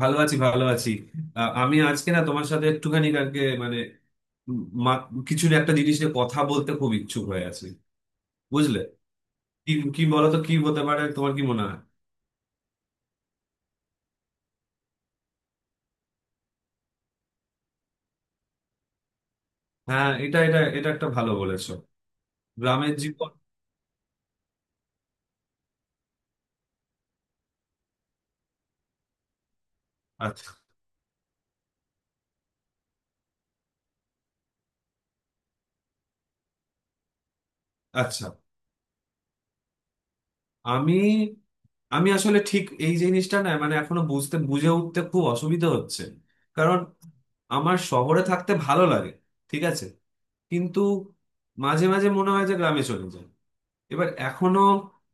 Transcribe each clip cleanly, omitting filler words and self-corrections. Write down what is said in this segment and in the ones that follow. ভালো আছি, ভালো আছি। আমি আজকে না তোমার সাথে একটুখানি কালকে মানে উম, মা- কিছু না, একটা জিনিস নিয়ে কথা বলতে খুব ইচ্ছুক হয়ে আছি, বুঝলে। কি কি বলো তো, কি হতে পারে? তোমার কি মনে হয়? হ্যাঁ, এটা এটা এটা একটা ভালো বলেছো। গ্রামের জীবন। আচ্ছা, আচ্ছা। আমি আমি আসলে ঠিক এই জিনিসটা না মানে এখনো বুঝে উঠতে খুব অসুবিধা হচ্ছে, কারণ আমার শহরে থাকতে ভালো লাগে। ঠিক আছে, কিন্তু মাঝে মাঝে মনে হয় যে গ্রামে চলে যায়। এবার এখনো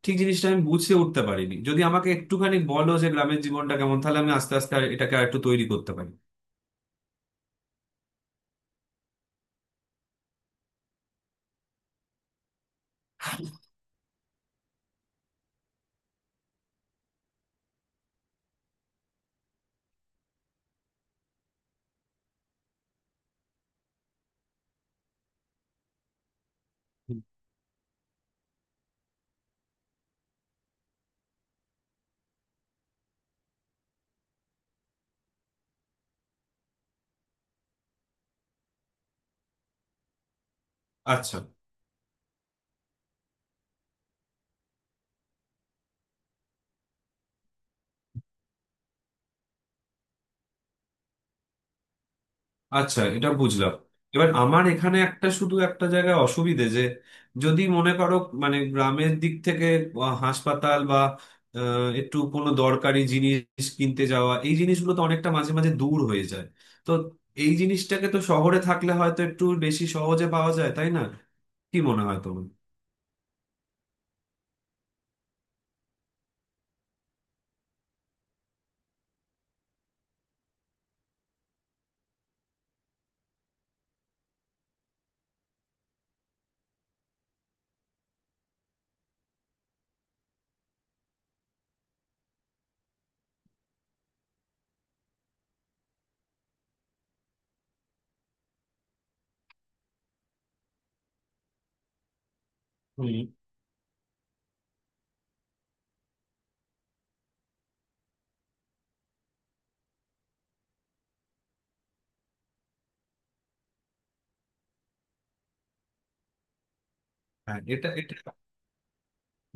ঠিক জিনিসটা আমি বুঝে উঠতে পারিনি। যদি আমাকে একটুখানি বলো যে গ্রামের জীবনটা কেমন, তাহলে আমি আস্তে আস্তে আর এটাকে আর একটু তৈরি করতে পারি। আচ্ছা, আচ্ছা, এটা বুঝলাম। এবার আমার এখানে একটা, শুধু একটা জায়গায় অসুবিধে, যে যদি মনে করো মানে গ্রামের দিক থেকে হাসপাতাল বা একটু কোনো দরকারি জিনিস কিনতে যাওয়া, এই জিনিসগুলো তো অনেকটা মাঝে মাঝে দূর হয়ে যায়। তো এই জিনিসটাকে তো শহরে থাকলে হয়তো একটু বেশি সহজে পাওয়া যায়, তাই না? কি মনে হয় তোমার? হুম। হ্যাঁ, এটা এটা,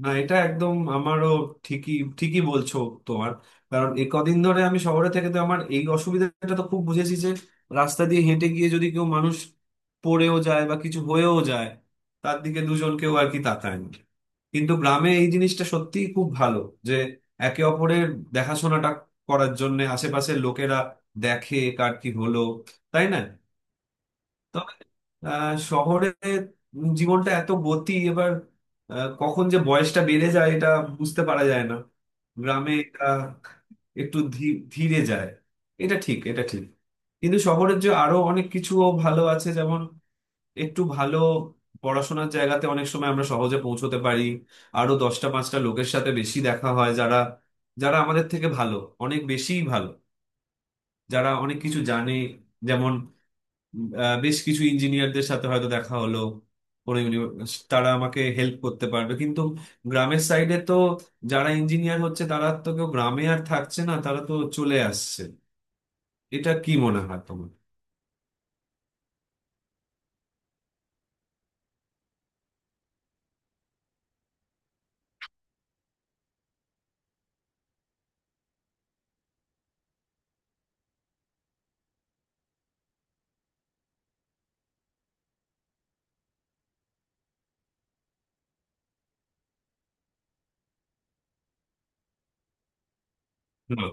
না এটা একদম আমারও ঠিকই ঠিকই বলছো তোমার। কারণ এ কদিন ধরে আমি শহরে থেকে তো আমার এই অসুবিধাটা তো খুব বুঝেছি যে রাস্তা দিয়ে হেঁটে গিয়ে যদি কেউ মানুষ পড়েও যায় বা কিছু হয়েও যায়, তার দিকে দুজন কেউ আর কি তাকায় না। কিন্তু গ্রামে এই জিনিসটা সত্যিই খুব ভালো, যে একে অপরের দেখাশোনাটা করার জন্য আশেপাশের লোকেরা দেখে কার কি হলো, তাই না? তবে শহরে জীবনটা এত গতি, এবার কখন যে বয়সটা বেড়ে যায় এটা বুঝতে পারা যায় না। গ্রামে এটা একটু ধীরে যায়। এটা ঠিক, এটা ঠিক। কিন্তু শহরের যে আরো অনেক কিছু ভালো আছে, যেমন একটু ভালো পড়াশোনার জায়গাতে অনেক সময় আমরা সহজে পৌঁছতে পারি। আরো দশটা পাঁচটা লোকের সাথে বেশি দেখা হয় যারা যারা আমাদের থেকে ভালো, অনেক বেশিই ভালো, যারা অনেক কিছু জানে। যেমন বেশ কিছু ইঞ্জিনিয়ারদের সাথে হয়তো দেখা হলো, কোনো ইউনিভার্স, তারা আমাকে হেল্প করতে পারবে। কিন্তু গ্রামের সাইডে তো যারা ইঞ্জিনিয়ার হচ্ছে তারা তো কেউ গ্রামে আর থাকছে না, তারা তো চলে আসছে। এটা কি মনে হয় তোমার? না।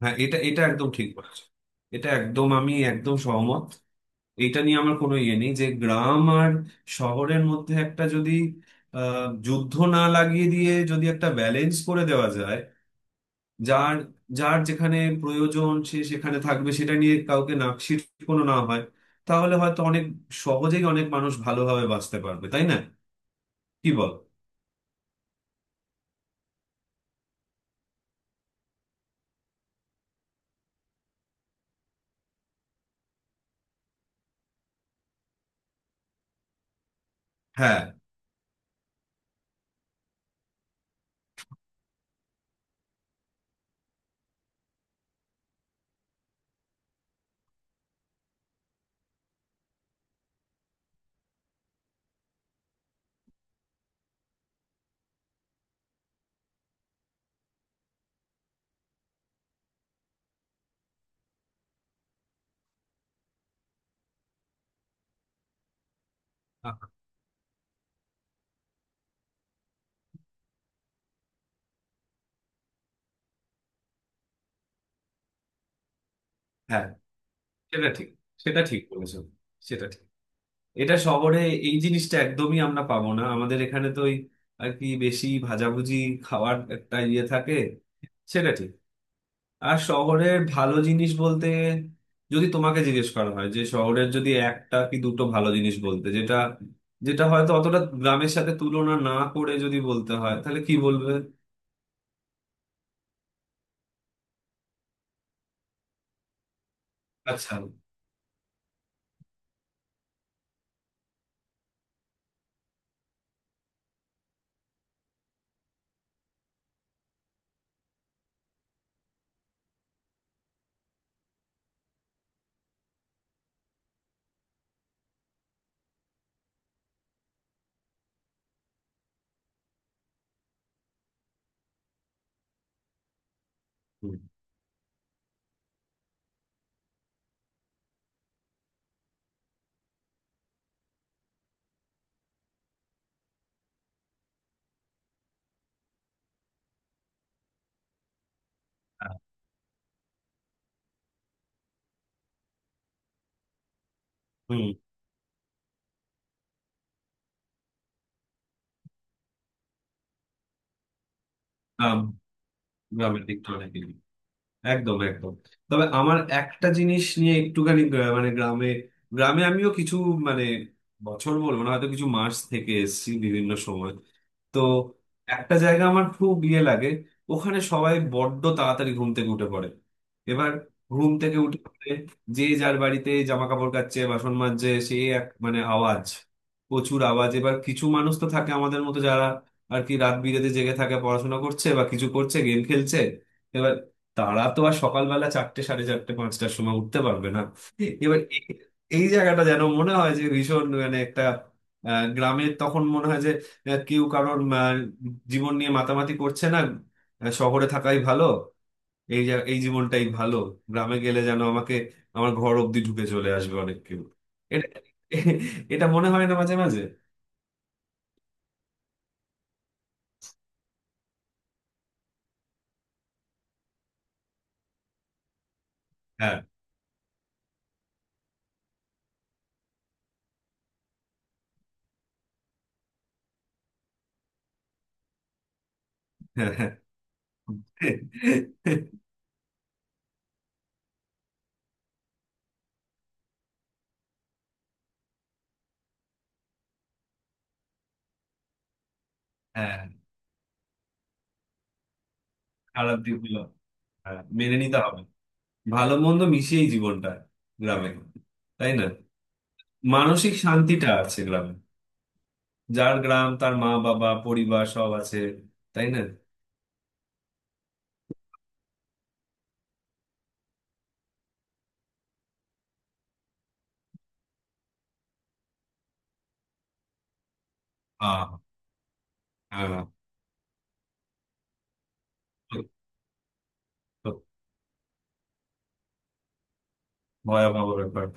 হ্যাঁ, এটা এটা একদম ঠিক বলেছো। এটা একদম, আমি একদম সহমত। এটা নিয়ে আমার কোনো ইয়ে নেই, যে গ্রাম আর শহরের মধ্যে একটা যদি যুদ্ধ না লাগিয়ে দিয়ে যদি একটা ব্যালেন্স করে দেওয়া যায়, যার যার যেখানে প্রয়োজন সে সেখানে থাকবে, সেটা নিয়ে কাউকে নাকশিট কোনো না হয়, তাহলে হয়তো অনেক সহজেই অনেক মানুষ ভালোভাবে বাঁচতে পারবে, তাই না? কি বল? হ্যাঁ, হ্যাঁ, সেটা ঠিক। সেটা ঠিক বলেছো, সেটা ঠিক। এটা শহরে এই জিনিসটা একদমই আমরা পাবো না। আমাদের এখানে তো ওই আর কি বেশি ভাজাভুজি খাওয়ার একটা ইয়ে থাকে। সেটা ঠিক। আর শহরের ভালো জিনিস বলতে, যদি তোমাকে জিজ্ঞেস করা হয় যে শহরের যদি একটা কি দুটো ভালো জিনিস বলতে, যেটা যেটা হয়তো অতটা গ্রামের সাথে তুলনা না করে যদি বলতে হয়, তাহলে কি বলবে? আচ্ছা। হুম। হুম। গ্রাম, গ্রামের দিকটা অনেক। একদম, একদম। তবে আমার একটা জিনিস নিয়ে একটুখানি, মানে গ্রামে, গ্রামে আমিও কিছু, মানে বছর বলবো না, হয়তো কিছু মাস থেকে এসেছি বিভিন্ন সময়। তো একটা জায়গা আমার খুব ইয়ে লাগে, ওখানে সবাই বড্ড তাড়াতাড়ি ঘুম থেকে উঠে পড়ে। এবার, ঘুম থেকে উঠে পড়ে যে যার বাড়িতে জামা কাপড় কাচ্ছে, বাসন মাজছে, সে এক মানে আওয়াজ, প্রচুর আওয়াজ। এবার কিছু মানুষ তো থাকে আমাদের মতো যারা আর কি রাত বিরেতে জেগে থাকে, পড়াশোনা করছে বা কিছু করছে, গেম খেলছে। এবার তারা তো আর সকালবেলা চারটে সাড়ে চারটে পাঁচটার সময় উঠতে পারবে না। এবার এই জায়গাটা যেন মনে হয় যে ভীষণ মানে একটা গ্রামের, তখন মনে হয় যে কেউ কারোর জীবন নিয়ে মাতামাতি করছে না, শহরে থাকাই ভালো। এই জীবনটাই ভালো। গ্রামে গেলে যেন আমাকে আমার ঘর অব্দি ঢুকে চলে আসবে অনেক কেউ। এটা এটা মনে হয় না মাঝে মাঝে? হ্যাঁ, হ্যাঁ। হ্যাঁ। হ্যাঁ, খারাপ দিকগুলো হ্যাঁ, মেনে নিতে হবে। ভালো মন্দ মিশিয়েই জীবনটা গ্রামে, তাই না? মানসিক শান্তিটা আছে গ্রামে। যার গ্রাম তার মা বাবা পরিবার সব আছে, তাই না? আহ, হ্যাঁ, ভয়াবহ ব্যাপার।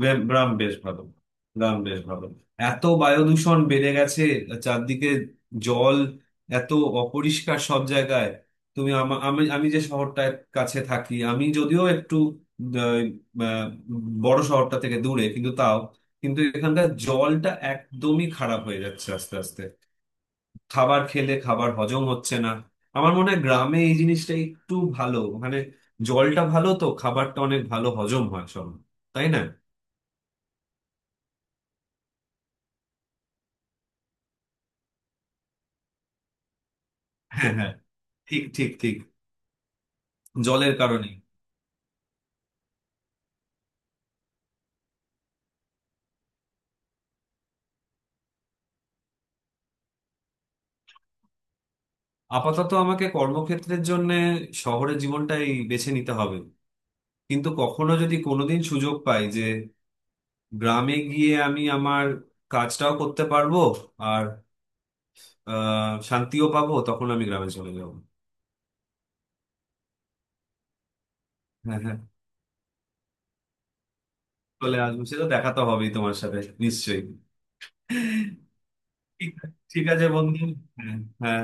গ্রাম গ্রাম বেশ ভালো। গ্রাম বেশ ভালো। এত বায়ু দূষণ বেড়ে গেছে চারদিকে। জল এত অপরিষ্কার সব জায়গায়। তুমি, আমি আমি যে শহরটার কাছে থাকি, আমি যদিও একটু আহ, আহ, বড় শহরটা থেকে দূরে, কিন্তু তাও, কিন্তু এখানকার জলটা একদমই খারাপ হয়ে যাচ্ছে আস্তে আস্তে। খাবার খেলে খাবার হজম হচ্ছে না। আমার মনে হয় গ্রামে এই জিনিসটা একটু ভালো, মানে জলটা ভালো তো খাবারটা অনেক ভালো হজম হয় সব, তাই না? হ্যাঁ, হ্যাঁ। ঠিক ঠিক ঠিক। জলের কারণেই। আপাতত আমাকে কর্মক্ষেত্রের জন্য শহরের জীবনটাই বেছে নিতে হবে। কিন্তু কখনো যদি কোনোদিন সুযোগ পাই যে গ্রামে গিয়ে আমি আমার কাজটাও করতে পারবো আর শান্তিও পাবো, তখন আমি গ্রামে চলে যাবো। হ্যাঁ, হ্যাঁ। চলে আসবো, সে তো দেখা তো হবেই তোমার সাথে, নিশ্চয়ই। ঠিক, ঠিক আছে বন্ধু। হ্যাঁ, হ্যাঁ,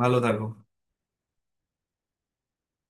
ভালো থাকো।